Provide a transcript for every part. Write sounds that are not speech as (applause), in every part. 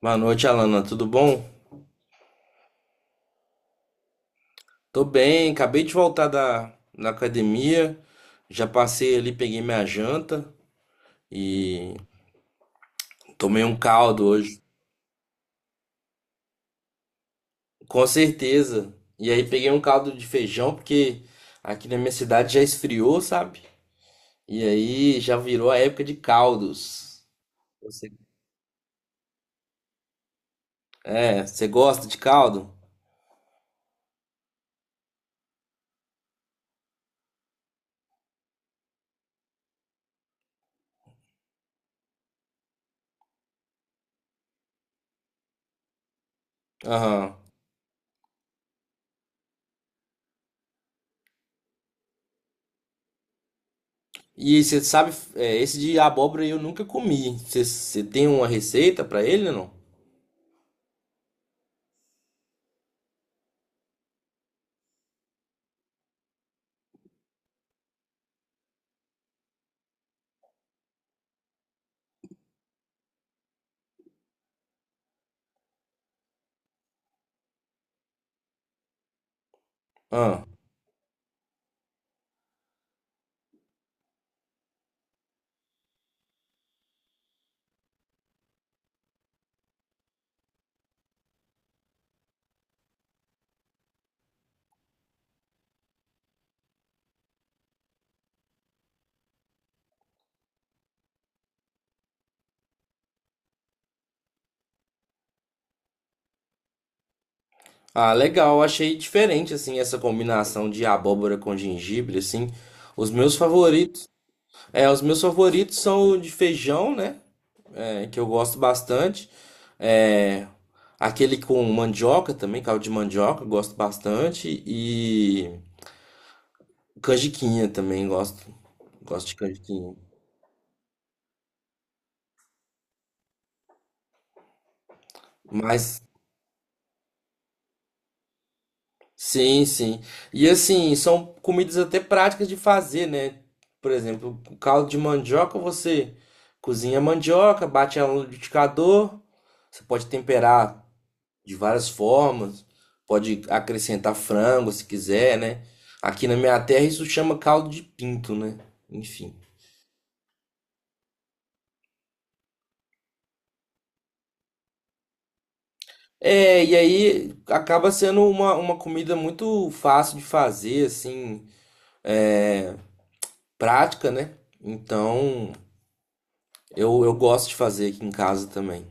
Boa noite, Alana. Tudo bom? Tô bem, acabei de voltar da academia. Já passei ali, peguei minha janta e tomei um caldo hoje, com certeza. E aí peguei um caldo de feijão, porque aqui na minha cidade já esfriou, sabe? E aí já virou a época de caldos. Você- É, você gosta de caldo? Aham. E você sabe, esse de abóbora eu nunca comi. Você tem uma receita pra ele, não? Ah, legal, achei diferente assim essa combinação de abóbora com gengibre assim. Os meus favoritos, os meus favoritos são o de feijão, né? É, que eu gosto bastante. É, aquele com mandioca também, caldo de mandioca, eu gosto bastante e canjiquinha também gosto, gosto de canjiquinha. Mas Sim, sim. E assim, são comidas até práticas de fazer, né? Por exemplo, o caldo de mandioca, você cozinha a mandioca, bate ela no liquidificador, você pode temperar de várias formas, pode acrescentar frango se quiser, né? Aqui na minha terra isso chama caldo de pinto, né? Enfim. É, e aí acaba sendo uma comida muito fácil de fazer, assim, prática, né? Então. Eu gosto de fazer aqui em casa também.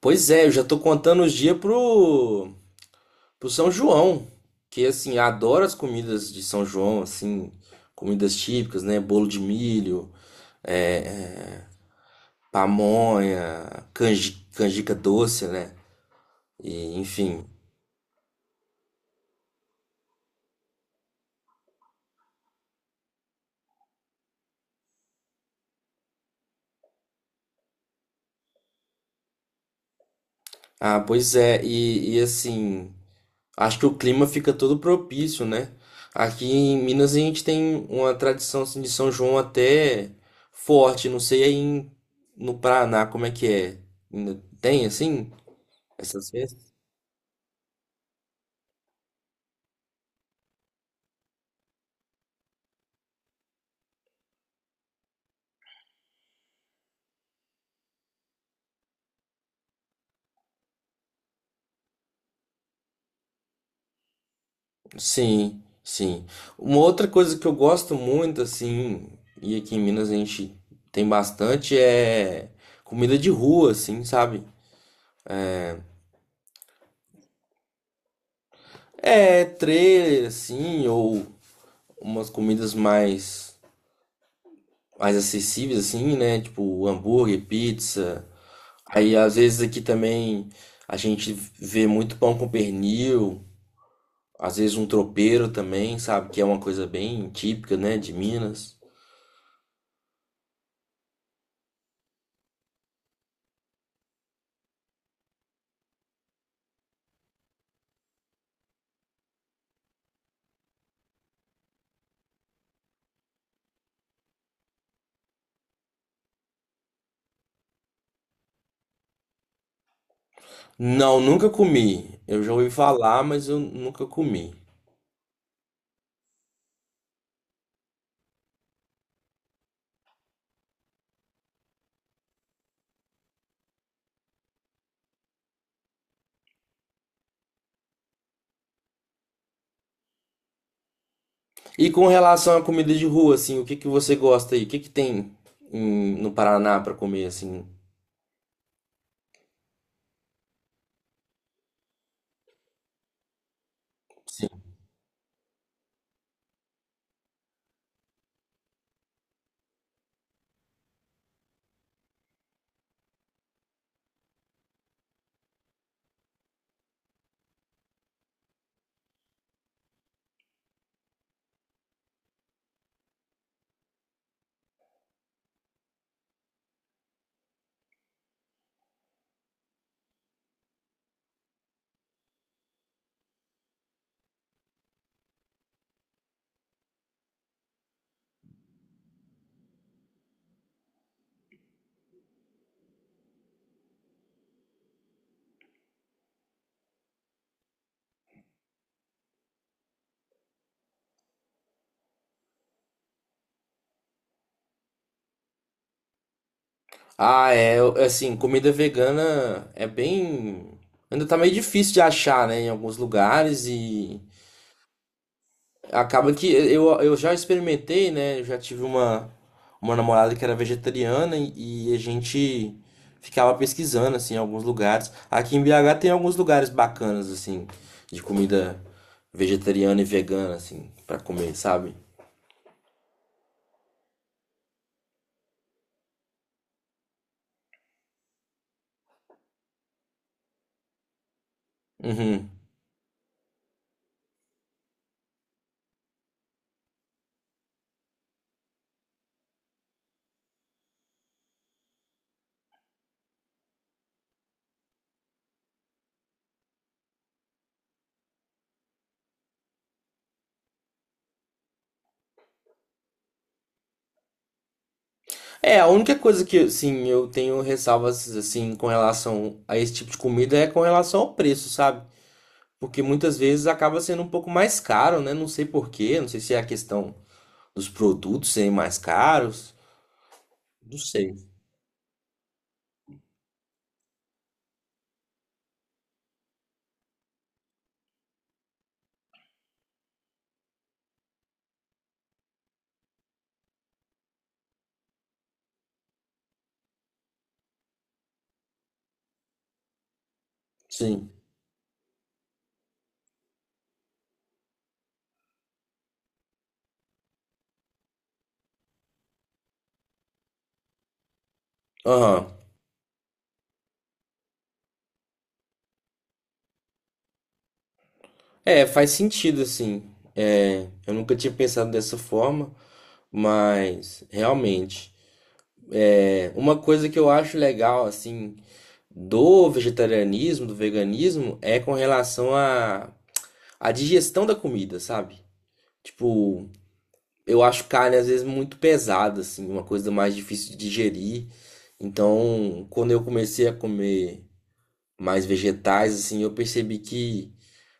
Pois é, eu já tô contando os dias pro São João. Que assim, eu adoro as comidas de São João, assim, comidas típicas, né? Bolo de milho, pamonha, canji, canjica doce, né? E, enfim. Ah, pois é, e assim, acho que o clima fica todo propício, né? Aqui em Minas a gente tem uma tradição assim, de São João até forte. Não sei no Paraná como é que é. Ainda tem assim essas festas? Sim, sim. Uma outra coisa que eu gosto muito assim, e aqui em Minas a gente tem bastante comida de rua, assim, sabe? É trailer assim ou umas comidas mais acessíveis, assim, né? Tipo, hambúrguer, pizza. Aí, às vezes, aqui também a gente vê muito pão com pernil. Às vezes, um tropeiro também, sabe? Que é uma coisa bem típica, né? De Minas. Não, nunca comi. Eu já ouvi falar, mas eu nunca comi. E com relação à comida de rua, assim, o que que você gosta aí? O que que tem no Paraná pra comer, assim? Ah, é, assim, comida vegana é bem. Ainda tá meio difícil de achar, né, em alguns lugares e acaba que eu já experimentei, né, eu já tive uma namorada que era vegetariana e a gente ficava pesquisando, assim, em alguns lugares. Aqui em BH tem alguns lugares bacanas, assim, de comida vegetariana e vegana, assim, pra comer, sabe? Uhum. É, a única coisa que, assim, eu tenho ressalvas, assim, com relação a esse tipo de comida é com relação ao preço, sabe? Porque muitas vezes acaba sendo um pouco mais caro, né? Não sei por quê, não sei se é a questão dos produtos serem mais caros, não sei. Sim. Aham. É, faz sentido, assim. É, eu nunca tinha pensado dessa forma, mas realmente. É, uma coisa que eu acho legal, assim, do vegetarianismo, do veganismo, é com relação a digestão da comida, sabe? Tipo, eu acho carne às vezes muito pesada, assim, uma coisa mais difícil de digerir. Então, quando eu comecei a comer mais vegetais, assim, eu percebi que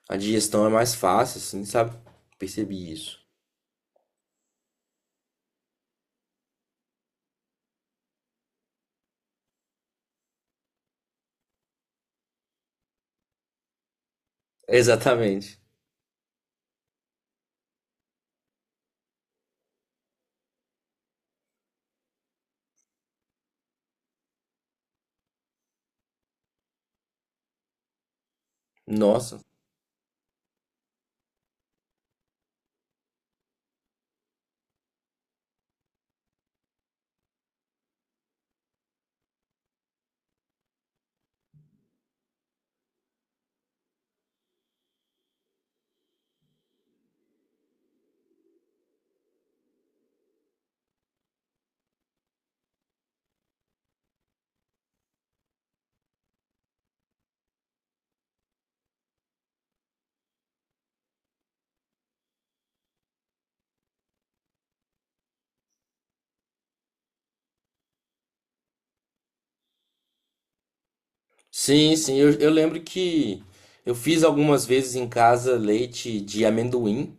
a digestão é mais fácil, assim, sabe? Percebi isso. (laughs) Exatamente. Nossa. Sim, sim, eu lembro que eu fiz algumas vezes em casa leite de amendoim.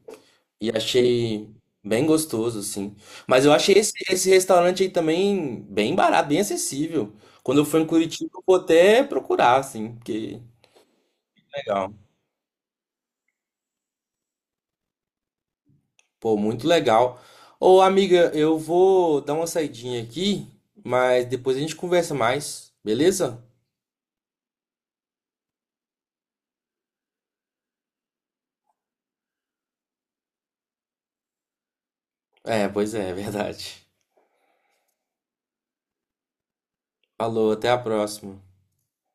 E achei bem gostoso, assim. Mas eu achei esse restaurante aí também bem barato, bem acessível. Quando eu for em Curitiba, eu vou até procurar, assim, porque legal. Pô, muito legal. Ô, amiga, eu vou dar uma saidinha aqui, mas depois a gente conversa mais, beleza? É, pois é, é verdade. Falou, até a próxima.